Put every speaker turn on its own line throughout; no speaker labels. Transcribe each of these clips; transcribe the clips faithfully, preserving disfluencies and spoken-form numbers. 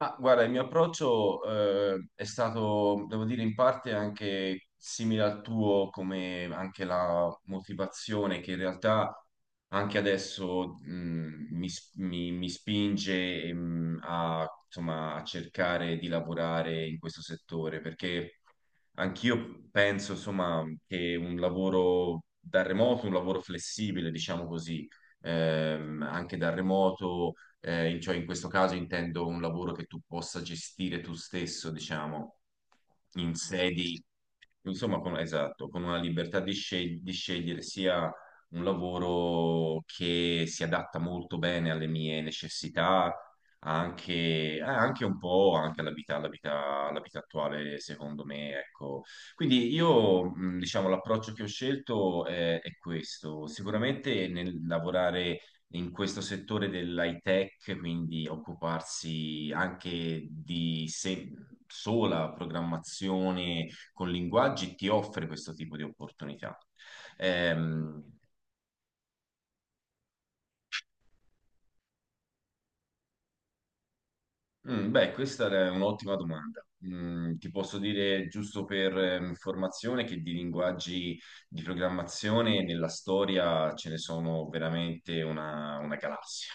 Ma guarda, il mio approccio eh, è stato, devo dire, in parte anche simile al tuo, come anche la motivazione che in realtà anche adesso mh, mi, s- mi- mi spinge mh, a, insomma, a cercare di lavorare in questo settore, perché anch'io penso, insomma, che un lavoro da remoto, un lavoro flessibile, diciamo così, ehm, anche da remoto eh, in- cioè in questo caso intendo un lavoro che tu possa gestire tu stesso, diciamo, in sedi, insomma, con, esatto, con una libertà di, sceg- di scegliere sia un lavoro che si adatta molto bene alle mie necessità, anche, eh, anche un po' anche alla vita, alla vita, alla vita attuale, secondo me, ecco. Quindi io, mh, diciamo, l'approccio che ho scelto è, è questo. Sicuramente nel lavorare in questo settore dell'high tech, quindi occuparsi anche di se- sola programmazione con linguaggi, ti offre questo tipo di opportunità. Ehm, Mm, Beh, questa è un'ottima domanda. Mm, ti posso dire, giusto per eh, informazione, che di linguaggi di programmazione nella storia ce ne sono veramente una, una galassia.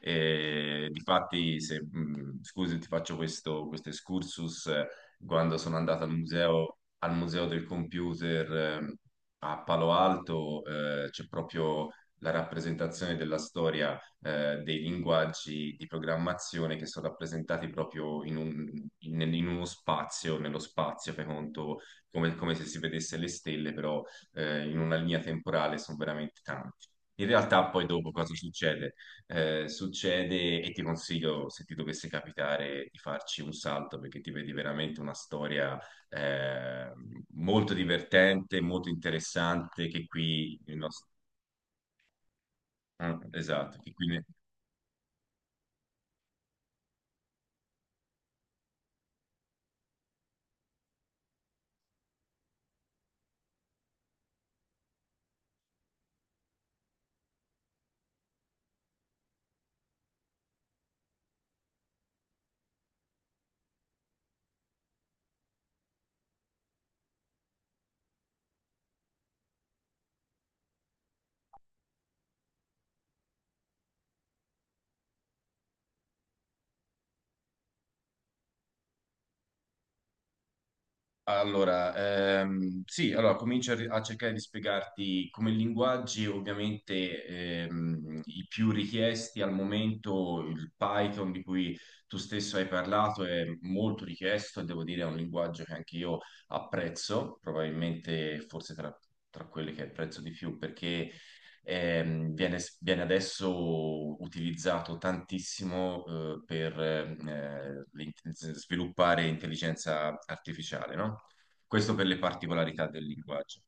E, difatti, se, mm, scusi, ti faccio questo, questo excursus. eh, Quando sono andato al museo, al museo del computer eh, a Palo Alto, eh, c'è proprio la rappresentazione della storia eh, dei linguaggi di programmazione che sono rappresentati proprio in, un- in- in uno spazio, nello spazio, fai conto, come, come se si vedesse le stelle, però eh, in una linea temporale sono veramente tanti. In realtà poi dopo cosa succede? Eh, succede, e ti consiglio, se ti dovesse capitare, di farci un salto perché ti vedi veramente una storia eh, molto divertente, molto interessante, che qui... il nostro- eh, esatto, che qui ne- Allora, ehm, sì, allora comincio a, ri- a cercare di spiegarti come linguaggi, ovviamente ehm, i più richiesti al momento, il Python di cui tu stesso hai parlato è molto richiesto e devo dire è un linguaggio che anche io apprezzo, probabilmente forse tra, tra quelli che apprezzo di più, perché ehm, viene, viene adesso utilizzato tantissimo eh, per eh, l'int- sviluppare intelligenza artificiale, no? Questo per le particolarità del linguaggio.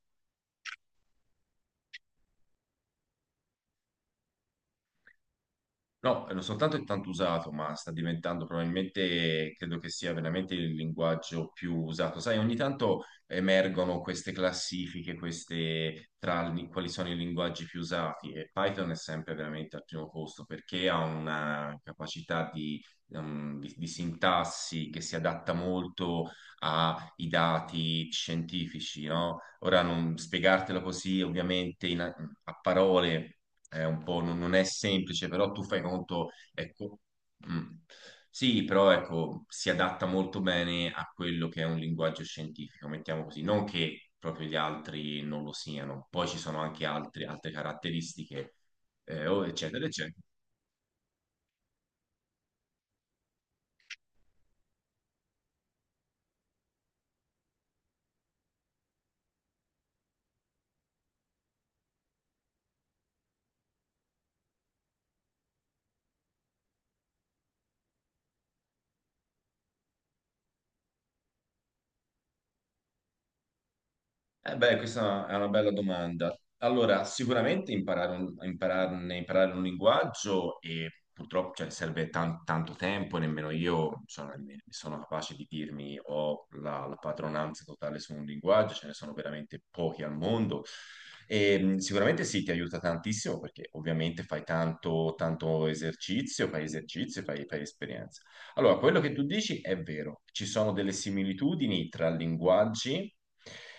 No, non soltanto è tanto usato, ma sta diventando probabilmente, credo che sia veramente il linguaggio più usato. Sai, ogni tanto emergono queste classifiche, queste tra li- quali sono i linguaggi più usati e Python è sempre veramente al primo posto perché ha una capacità di, um, di- di sintassi che si adatta molto a i dati scientifici, no? Ora non spiegartelo così, ovviamente in- a parole è un po' non, non è semplice, però tu fai conto, ecco, mm, sì, però ecco, si adatta molto bene a quello che è un linguaggio scientifico, mettiamo così, non che proprio gli altri non lo siano, poi ci sono anche altri- altre caratteristiche, eh, o eccetera, eccetera. Eh beh, questa è una è una bella domanda. Allora, sicuramente imparare un, impararne- imparare un linguaggio e purtroppo cioè, serve tan- tanto tempo, e nemmeno io insomma, ne- sono capace di dirmi ho la, la padronanza totale su un linguaggio, ce ne sono veramente pochi al mondo. E, mh, sicuramente sì, ti aiuta tantissimo perché ovviamente fai tanto, tanto esercizio, fai esercizio, fai, fai esperienza. Allora, quello che tu dici è vero, ci sono delle similitudini tra linguaggi,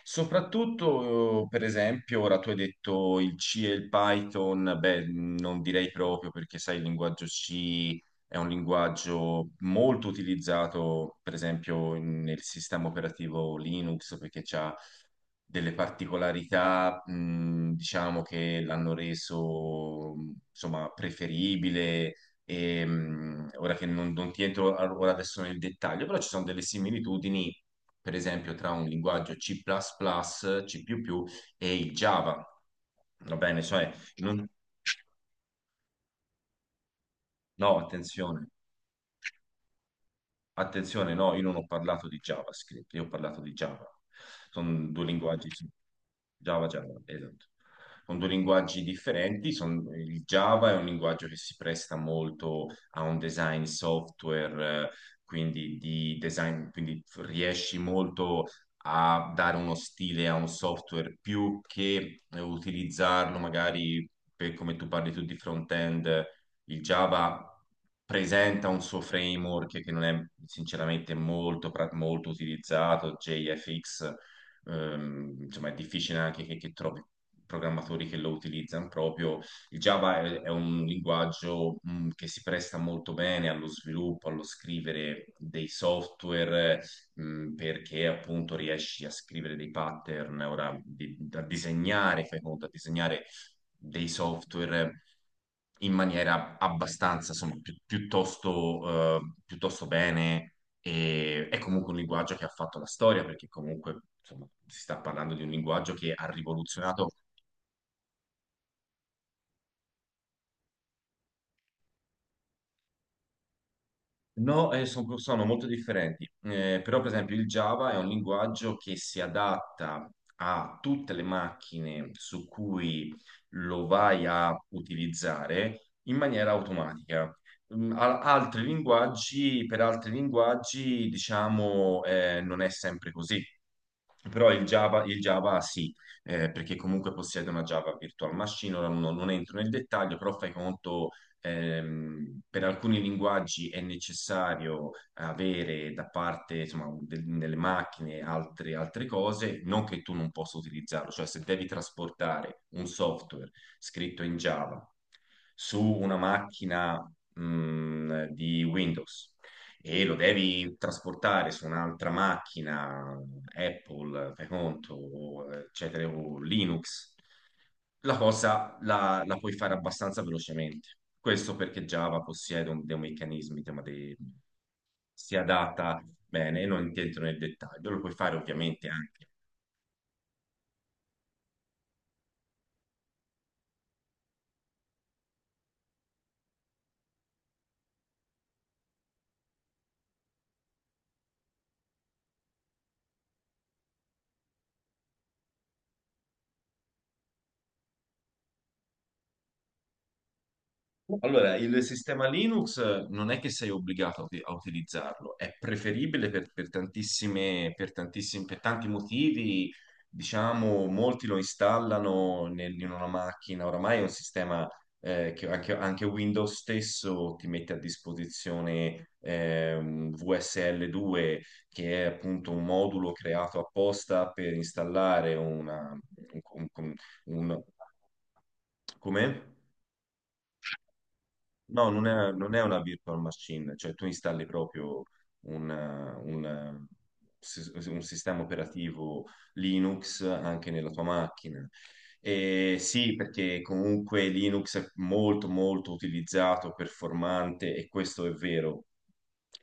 soprattutto eh, per esempio, ora tu hai detto il C e il Python, beh, non direi proprio perché sai, il linguaggio C è un linguaggio molto utilizzato, per esempio, in- nel sistema operativo Linux perché c'ha delle particolarità, mh, diciamo, che l'hanno reso, mh, insomma, preferibile e, mh, ora che non, non ti entro a- ora adesso nel dettaglio, però ci sono delle similitudini, per esempio, tra un linguaggio C++, C++ e il Java. Va bene, cioè, non- No, attenzione, attenzione, no, io non ho parlato di JavaScript, io ho parlato di Java. Sono due linguaggi, Java, Java, esatto. Con due linguaggi differenti. Son- il Java è un linguaggio che si presta molto a un design software, eh, quindi di design, quindi riesci molto a dare uno stile a un software più che eh, utilizzarlo magari per come tu parli tu di front-end. Il Java presenta un suo framework che non è sinceramente molto, pra- molto utilizzato, J F X, ehm, insomma è difficile anche che, che trovi programmatori che lo utilizzano proprio. Il Java è, è un linguaggio mh, che si presta molto bene allo sviluppo, allo scrivere dei software, mh, perché appunto riesci a scrivere dei pattern, ora di- a disegnare, fai conto, a disegnare dei software in maniera abbastanza, insomma, pi- piuttosto, eh, piuttosto bene e è comunque un linguaggio che ha fatto la storia, perché comunque insomma, si sta parlando di un linguaggio che ha rivoluzionato. No, eh, son- sono molto differenti. Eh, però per esempio il Java è un linguaggio che si adatta a tutte le macchine su cui lo vai a utilizzare in maniera automatica. Mm, a- Altri linguaggi, per altri linguaggi, diciamo, eh, non è sempre così. Però il Java, il Java sì, eh, perché comunque possiede una Java Virtual Machine, ora non, non entro nel dettaglio, però fai conto. Ehm, per alcuni linguaggi è necessario avere da parte, insomma, de- delle macchine altre, altre cose, non che tu non possa utilizzarlo, cioè se devi trasportare un software scritto in Java su una macchina, mh, di Windows e lo devi trasportare su un'altra macchina, Apple, fai conto, o, eccetera, o Linux la cosa la, la puoi fare abbastanza velocemente. Questo perché Java possiede un- dei meccanismi, tema dei- si adatta bene, e non entro nel dettaglio, lo puoi fare ovviamente anche. Allora, il sistema Linux non è che sei obbligato a uti- a utilizzarlo, è preferibile per, per tantissime, per tantissimi, per tanti motivi. Diciamo, molti lo installano nel- in una macchina. Oramai è un sistema eh, che anche, anche Windows stesso ti mette a disposizione ehm, V S L due, che è appunto un modulo creato apposta per installare una, un, un, un, come? No, non è, non è una virtual machine, cioè tu installi proprio un, un- un sistema operativo Linux anche nella tua macchina. E sì, perché comunque Linux è molto molto utilizzato, performante e questo è vero.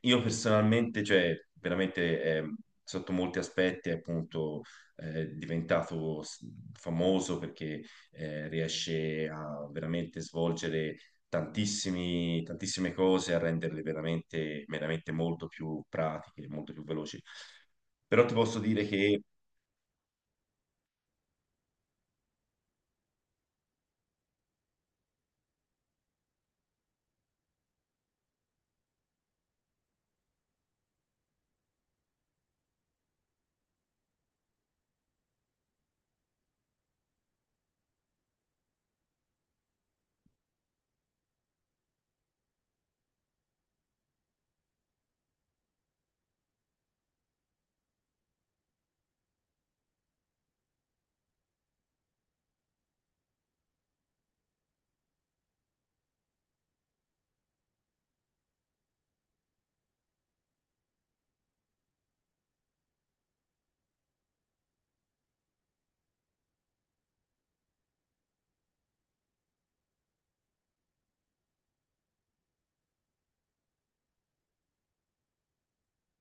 Io personalmente, cioè veramente eh, sotto molti aspetti è appunto eh, diventato s- famoso perché eh, riesce a veramente svolgere tantissimi- tantissime cose a renderle veramente, veramente molto più pratiche, molto più veloci. Però ti posso dire che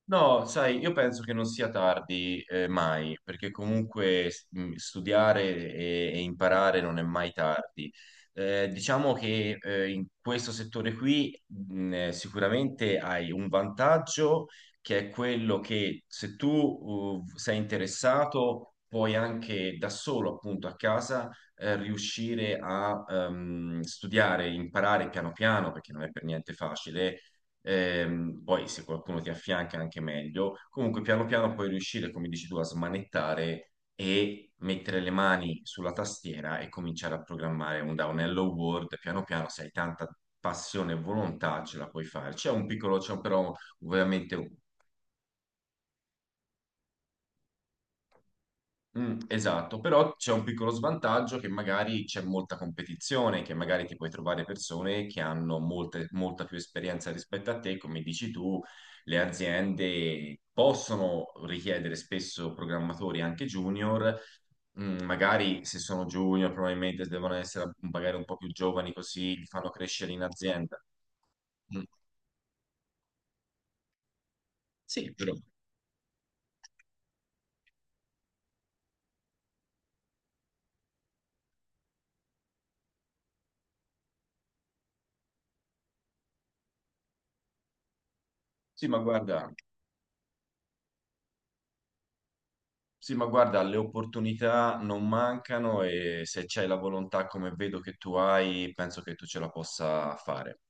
no, sai, io penso che non sia tardi eh, mai, perché comunque s- mh, studiare e, e imparare non è mai tardi. Eh, diciamo che eh, in questo settore qui mh, eh, sicuramente hai un vantaggio che è quello che se tu uh, sei interessato puoi anche da solo, appunto, a casa eh, riuscire a ehm, studiare, imparare piano piano, perché non è per niente facile. Ehm, poi se qualcuno ti affianca anche meglio. Comunque piano piano puoi riuscire, come dici tu, a smanettare e mettere le mani sulla tastiera e cominciare a programmare un downello Word. Piano piano, se hai tanta passione e volontà, ce la puoi fare. C'è un piccolo, c'è però veramente Mm, esatto, però c'è un piccolo svantaggio che magari c'è molta competizione, che magari ti puoi trovare persone che hanno molte- molta più esperienza rispetto a te, come dici tu, le aziende possono richiedere spesso programmatori anche junior, mm, magari se sono junior probabilmente devono essere magari un po' più giovani così li fanno crescere in azienda. Mm, sì, però. Sì, ma guarda. Sì, ma guarda, le opportunità non mancano e se c'hai la volontà come vedo che tu hai, penso che tu ce la possa fare.